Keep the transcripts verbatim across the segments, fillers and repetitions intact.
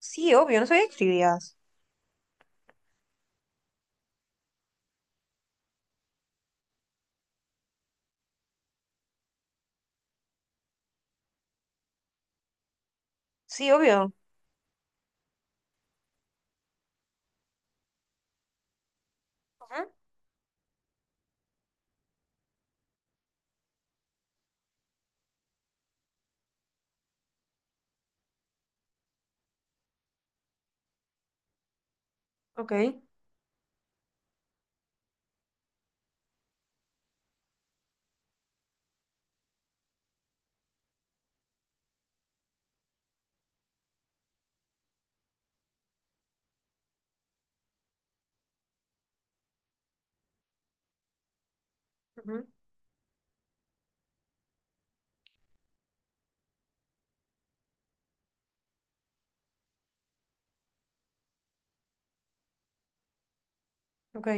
Sí, obvio, no sabía que escribías. Sí, obvio. Ujú. Ok, ujú, ok,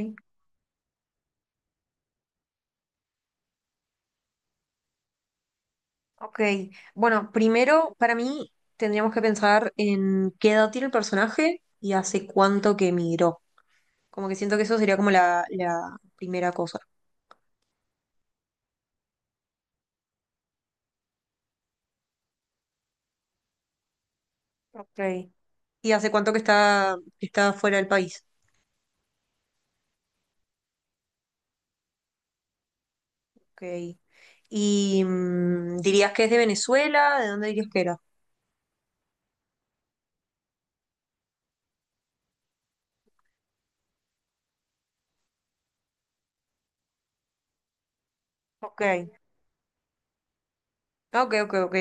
ok. Bueno, primero, para mí, tendríamos que pensar en qué edad tiene el personaje y hace cuánto que emigró. Como que siento que eso sería como la, la primera cosa. Ok. ¿Y hace cuánto que está, que está fuera del país? Ok. ¿Y mm, dirías que es de Venezuela? ¿De dónde dirías que era? Ok. Ah, ok, ok, ok.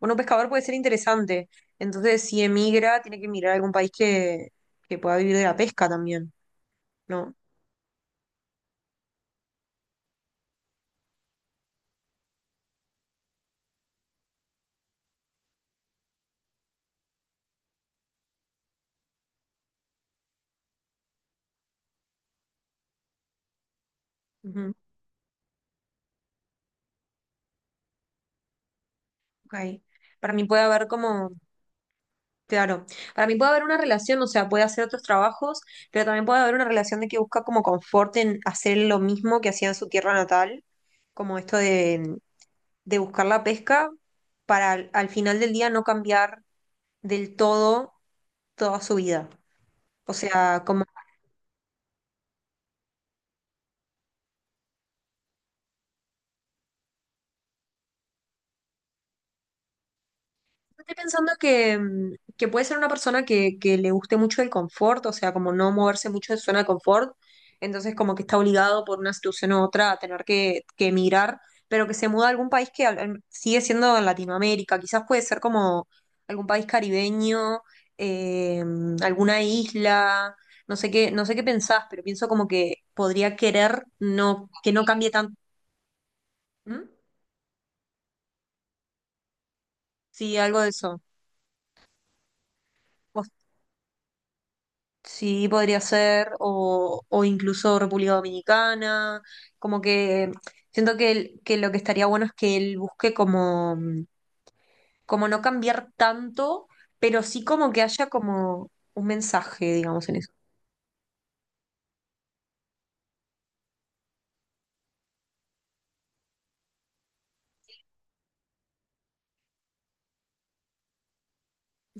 Bueno, un pescador puede ser interesante. Entonces, si emigra, tiene que mirar a algún país que, que pueda vivir de la pesca también, ¿no? Ujú, ok. Para mí puede haber como, claro, para mí puede haber una relación, o sea, puede hacer otros trabajos, pero también puede haber una relación de que busca como confort en hacer lo mismo que hacía en su tierra natal, como esto de, de buscar la pesca para al al final del día no cambiar del todo toda su vida. O sea, como estoy pensando que, mm, que puede ser una persona que, que le guste mucho el confort, o sea, como no moverse mucho de su zona de confort, entonces como que está obligado por una situación u otra a tener que, que emigrar, pero que se muda a algún país que al- em, sigue siendo en Latinoamérica, quizás puede ser como algún país caribeño, eh, alguna isla, no sé qué, no sé qué pensás, pero pienso como que podría querer no, que no cambie tanto. ¿Mm? Sí, algo de eso. Sí, podría ser, o, o incluso República Dominicana, como que siento que, él- que lo que estaría bueno es que él busque como, como no cambiar tanto, pero sí como que haya como un mensaje, digamos, en eso.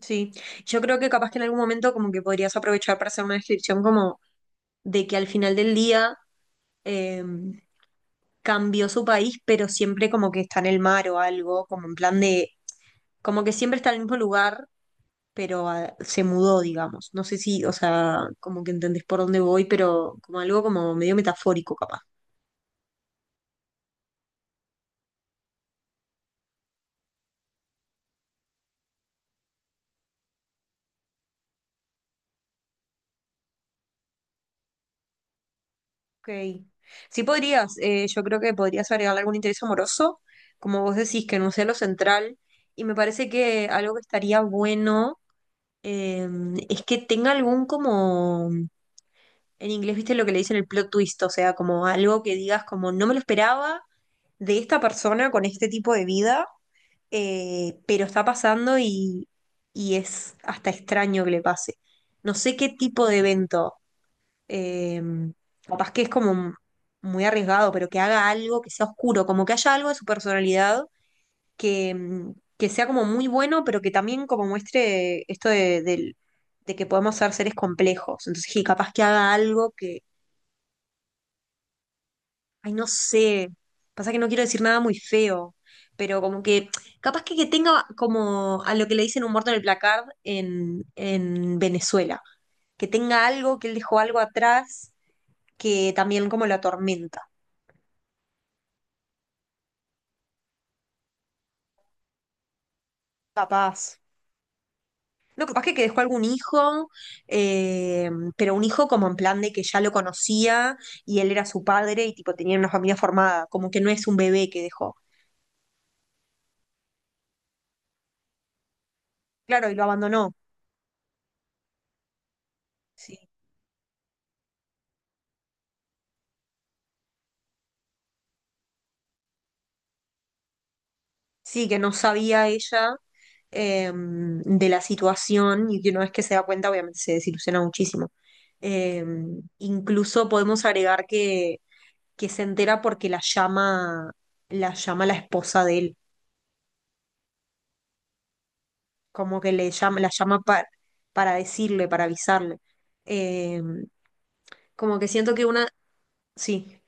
Sí, yo creo que capaz que en algún momento como que podrías aprovechar para hacer una descripción como de que al final del día eh, cambió su país, pero siempre como que está en el mar o algo, como en plan de, como que siempre está en el mismo lugar pero ah, se mudó, digamos. No sé si, o sea, como que entendés por dónde voy, pero como algo como medio metafórico, capaz. Ok. Sí podrías, eh, yo creo que podrías agregarle algún interés amoroso, como vos decís, que no sea lo central, y me parece que algo que estaría bueno eh, es que tenga algún como, en inglés, viste lo que le dicen el plot twist, o sea, como algo que digas como no me lo esperaba de esta persona con este tipo de vida, eh, pero está pasando y, y es hasta extraño que le pase. No sé qué tipo de evento, eh, capaz que es como muy arriesgado, pero que haga algo que sea oscuro, como que haya algo de su personalidad que, mm, que sea como muy bueno, pero que también como muestre esto de, del- de que podemos ser seres complejos. Entonces, sí, capaz que haga algo que... Ay, no sé. Pasa que no quiero decir nada muy feo, pero como que capaz que, que tenga como a lo que le dicen un muerto en el placard en, en Venezuela, que tenga algo, que él dejó algo atrás que también como lo atormenta. Capaz. No, capaz que, que dejó algún hijo, eh, pero un hijo como en plan de que ya lo conocía y él era su padre y tipo tenían una familia formada, como que no es un bebé que dejó. Claro, y lo abandonó. Sí. Sí, que no sabía ella eh, de la situación y que una vez que se da cuenta, obviamente se desilusiona muchísimo. Eh, Incluso podemos agregar que, que se entera porque la llama, la llama la esposa de él, como que le llama, la llama para, para decirle, para avisarle. Eh, Como que siento que una... Sí.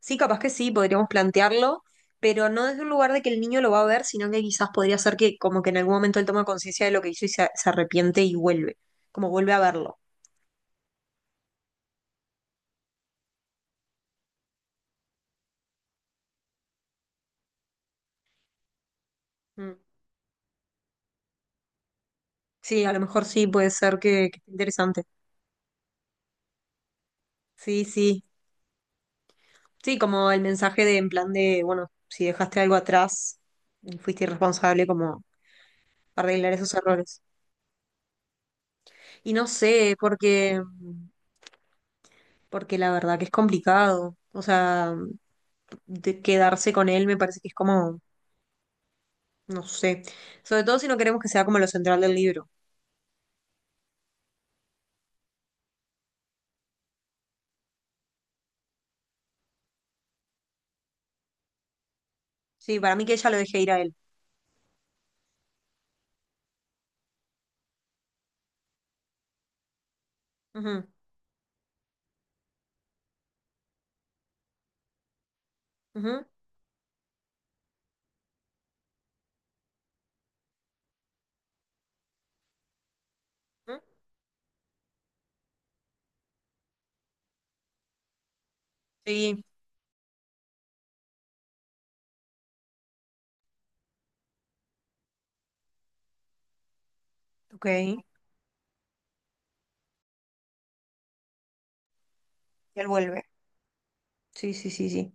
Sí, capaz que sí, podríamos plantearlo, pero no desde un lugar de que el niño lo va a ver, sino que quizás podría ser que como que en algún momento él toma conciencia de lo que hizo y se, se arrepiente y vuelve, como vuelve a verlo. Mm. Sí, a lo mejor sí, puede ser que, que esté interesante. Sí, sí, sí, como el mensaje de en plan de, bueno, si dejaste algo atrás y fuiste irresponsable, como arreglar esos errores. Y no sé, porque, porque la verdad que es complicado, o sea, de quedarse con él me parece que es como... No sé. Sobre todo si no queremos que sea como lo central del libro. Sí, para mí que ella lo deje ir a él. Ujú, ujú, ujú. Sí, ok. Y él vuelve. Sí, sí, sí, sí.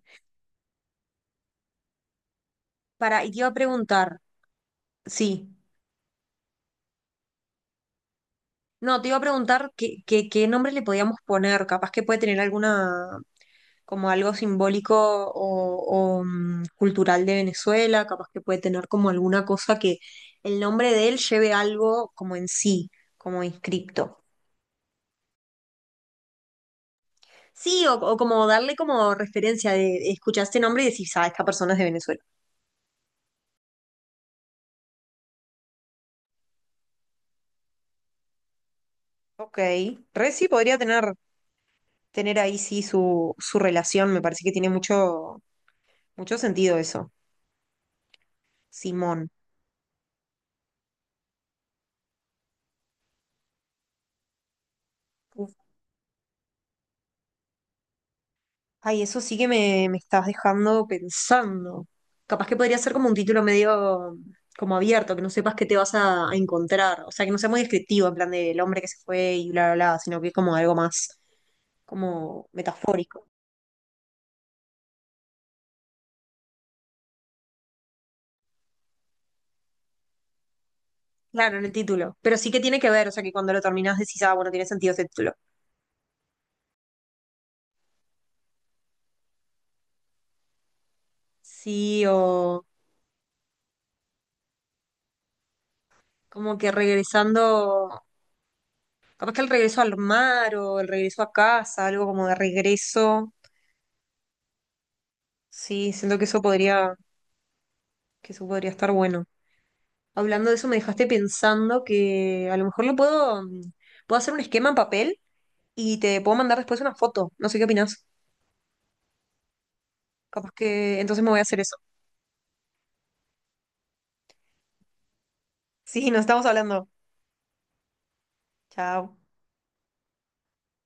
Para, y te iba a preguntar, sí. No, te iba a preguntar qué, qué, qué nombre le podíamos poner. Capaz que puede tener alguna, como algo simbólico o, o, mm, cultural de Venezuela, capaz que puede tener como alguna cosa que el nombre de él lleve algo como en sí, como inscripto. Sí, o, o como darle como referencia de escuchar este nombre y decir, ah, esta persona es de Venezuela. Ok, re sí podría tener, tener ahí sí su, su relación, me parece que tiene mucho, mucho sentido eso, Simón. Uf. Ay, eso sí que me, me estás dejando pensando. Capaz que podría ser como un título medio como abierto, que no sepas qué te vas a, a encontrar. O sea, que no sea muy descriptivo en plan del hombre que se fue y bla, bla, bla, sino que es como algo más como metafórico. Claro, en el título. Pero sí que tiene que ver, o sea, que cuando lo terminas decís, ah, bueno, tiene sentido ese título. Sí, o como que regresando, capaz que el regreso al mar o el regreso a casa, algo como de regreso. Sí, siento que eso podría, que eso podría estar bueno. Hablando de eso, me dejaste pensando que a lo mejor lo puedo, mm, puedo hacer un esquema en papel y te puedo mandar después una foto. No sé qué opinás. Capaz que entonces me voy a hacer eso. Sí, nos estamos hablando. Chao.